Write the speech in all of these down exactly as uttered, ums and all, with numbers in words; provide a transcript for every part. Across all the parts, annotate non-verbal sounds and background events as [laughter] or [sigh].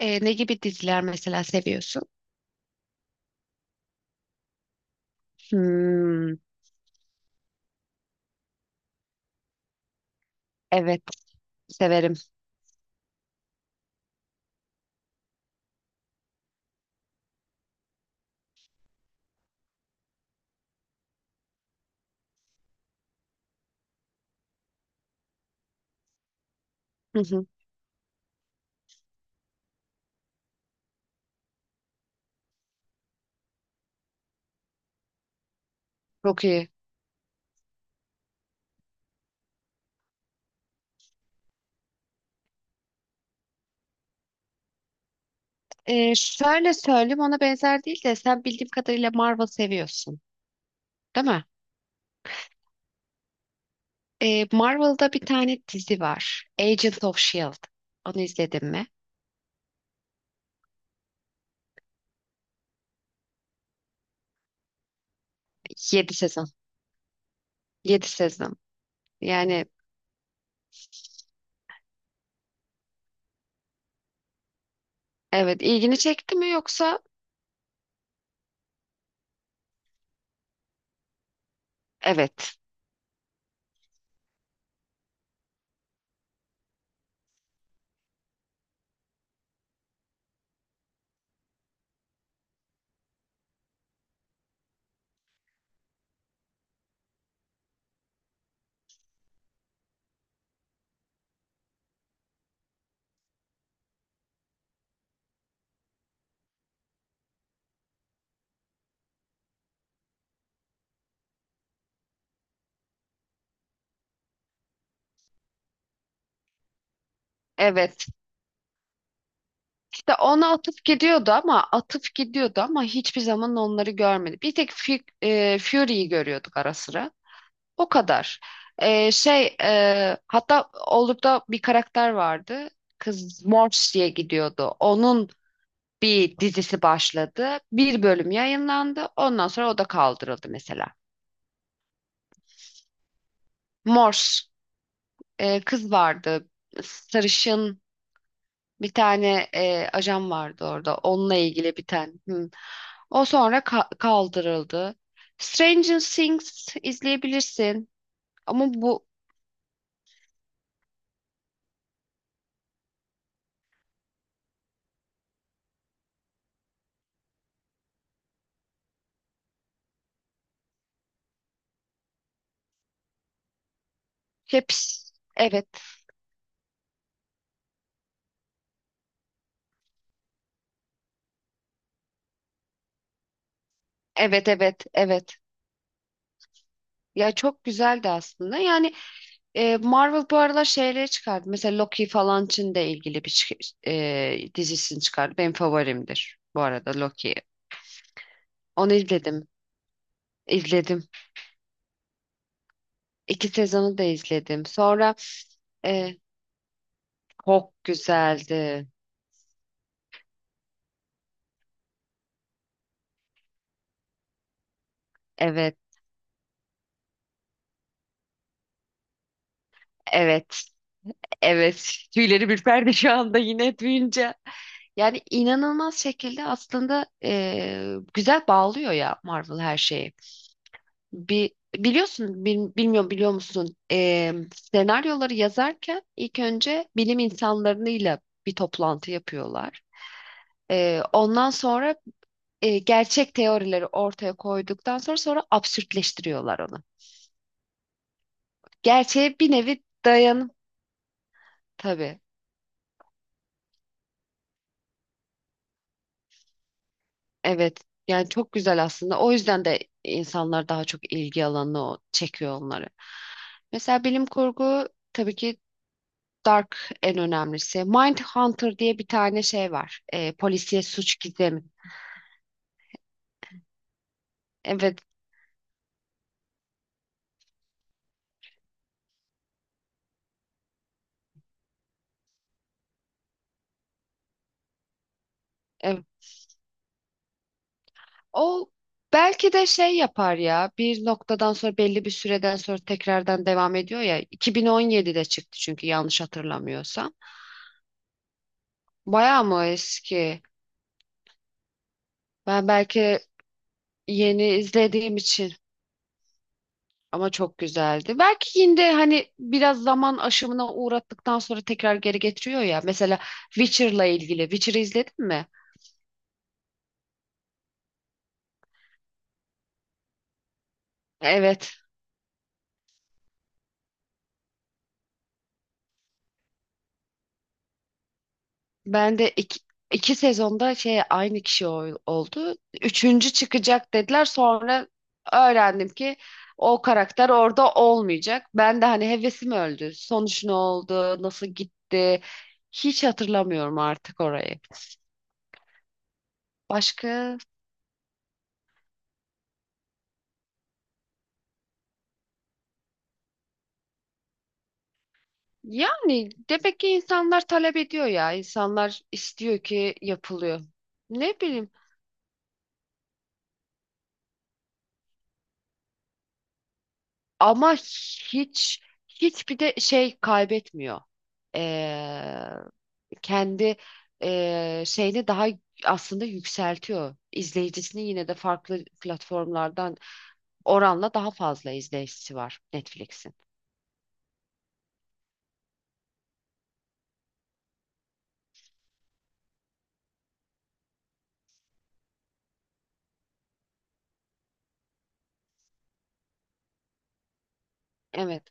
E, ne gibi diziler mesela seviyorsun? Hmm, evet, severim. Hı hı. Çok iyi. E, şöyle söyleyeyim, ona benzer değil de sen, bildiğim kadarıyla, Marvel seviyorsun, değil mi? E, Marvel'da bir tane dizi var. Agent of Shield. Onu izledin mi? Yedi sezon. Yedi sezon. Yani evet, ilgini çekti mi yoksa? Evet. Evet. İşte ona atıp gidiyordu ama atıp gidiyordu ama hiçbir zaman onları görmedi. Bir tek Fu- e, Fury'yi görüyorduk ara sıra. O kadar. Ee, şey e, hatta Olduk'ta bir karakter vardı. Kız Morse diye gidiyordu. Onun bir dizisi başladı. Bir bölüm yayınlandı. Ondan sonra o da kaldırıldı mesela. Morse e, kız vardı. Sarışın bir tane e, ajan vardı orada. Onunla ilgili bir tane. Hı. O sonra ka- kaldırıldı. Stranger Things izleyebilirsin. Ama bu hepsi, evet. Evet, evet, evet. Ya çok güzeldi aslında. Yani e, Marvel bu aralar şeyleri çıkardı. Mesela Loki falan için de ilgili bir çık- e, dizisini çıkardı. Benim favorimdir bu arada Loki. Onu izledim. İzledim. İki sezonu da izledim. Sonra e, çok güzeldi. Evet, evet, evet. [laughs] Tüyleri ürperdi şu anda yine duyunca. Yani inanılmaz şekilde aslında e, güzel bağlıyor ya Marvel her şeyi. Bir, biliyorsun, bil- bilmiyorum, biliyor musun? Ee, senaryoları yazarken ilk önce bilim insanlarıyla bir toplantı yapıyorlar. Ee, ondan sonra e, gerçek teorileri ortaya koyduktan sonra sonra absürtleştiriyorlar onu. Gerçeğe bir nevi dayanıp, tabii. Evet. Yani çok güzel aslında. O yüzden de insanlar daha çok ilgi alanı o- çekiyor onları. Mesela bilim kurgu, tabii ki Dark, en önemlisi. Mindhunter diye bir tane şey var. E, polisiye suç gizemi. Evet, evet. O belki de şey yapar ya. Bir noktadan sonra, belli bir süreden sonra, tekrardan devam ediyor ya. iki bin on yedide çıktı çünkü, yanlış hatırlamıyorsam. Bayağı mı eski? Ben belki yeni izlediğim için, ama çok güzeldi. Belki yine de hani biraz zaman aşımına uğrattıktan sonra tekrar geri getiriyor ya. Mesela Witcher'la ilgili. Witcher'ı izledin mi? Evet. Ben de iki, iki sezonda şey aynı kişi ol- oldu. Üçüncü çıkacak dediler. Sonra öğrendim ki o karakter orada olmayacak. Ben de hani hevesim öldü. Sonuç ne oldu? Nasıl gitti? Hiç hatırlamıyorum artık orayı. Başka, yani demek ki insanlar talep ediyor ya. İnsanlar istiyor ki yapılıyor. Ne bileyim, ama hiç, hiçbir de şey kaybetmiyor. Ee, Kendi eee, şeyini daha aslında yükseltiyor. İzleyicisini yine de farklı platformlardan oranla daha fazla izleyicisi var Netflix'in. Evet,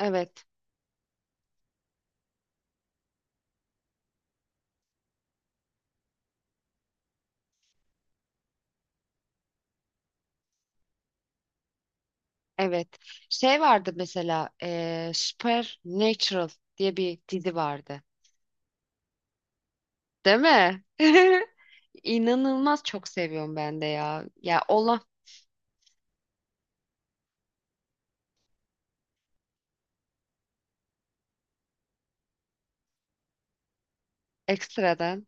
evet, evet. Şey vardı mesela, eee Supernatural diye bir dizi vardı. Değil mi? [laughs] İnanılmaz çok seviyorum ben de ya. Ya Allah, ekstradan.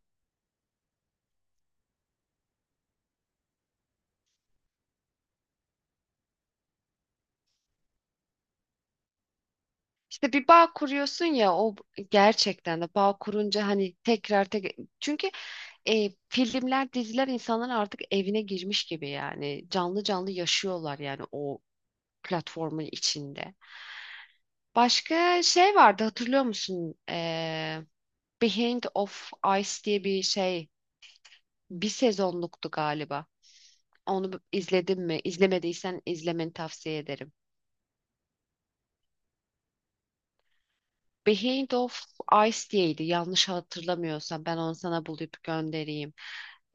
İşte bir bağ kuruyorsun ya, o gerçekten de bağ kurunca hani tekrar tekrar, çünkü e, filmler, diziler insanların artık evine girmiş gibi, yani canlı canlı yaşıyorlar yani o platformun içinde. Başka şey vardı, hatırlıyor musun? E, Behind of Ice diye bir şey, bir sezonluktu galiba. Onu izledin mi? İzlemediysen izlemeni tavsiye ederim. Behind of Ice diyeydi yanlış hatırlamıyorsam, ben onu sana bulup göndereyim.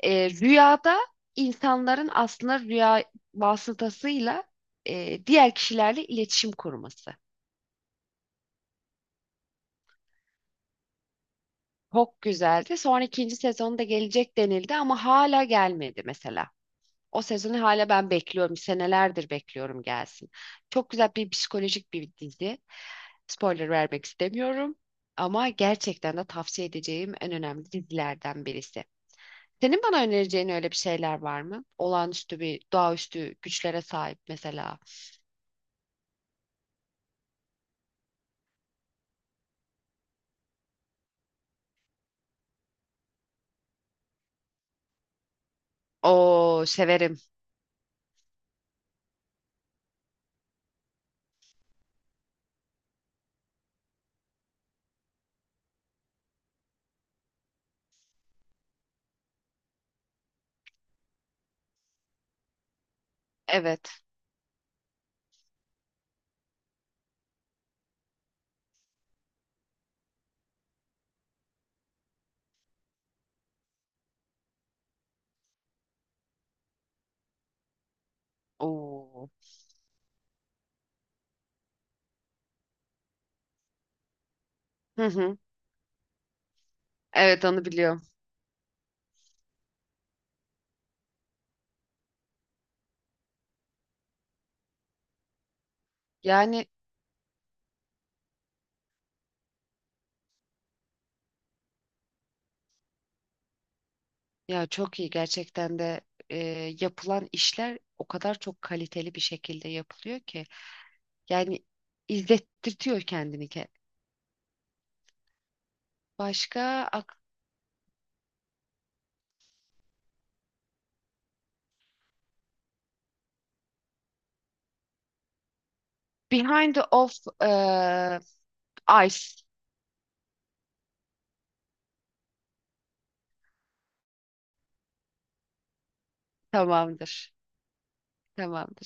E, rüyada insanların aslında rüya vasıtasıyla e, diğer kişilerle iletişim kurması. Çok güzeldi. Sonra ikinci sezonda gelecek denildi ama hala gelmedi mesela. O sezonu hala ben bekliyorum. Senelerdir bekliyorum gelsin. Çok güzel bir psikolojik bir dizi. Spoiler vermek istemiyorum. Ama gerçekten de tavsiye edeceğim en önemli dizilerden birisi. Senin bana önereceğin öyle bir şeyler var mı? Olağanüstü bir, doğaüstü güçlere sahip mesela. Oo, severim. Evet. Oo. Hı hı. Evet, onu biliyorum. Yani ya çok iyi gerçekten de, e, yapılan işler o kadar çok kaliteli bir şekilde yapılıyor ki yani, izlettirtiyor kendini ki. Başka ak- Behind the Off e, Ice. Tamamdır. Tamamdır.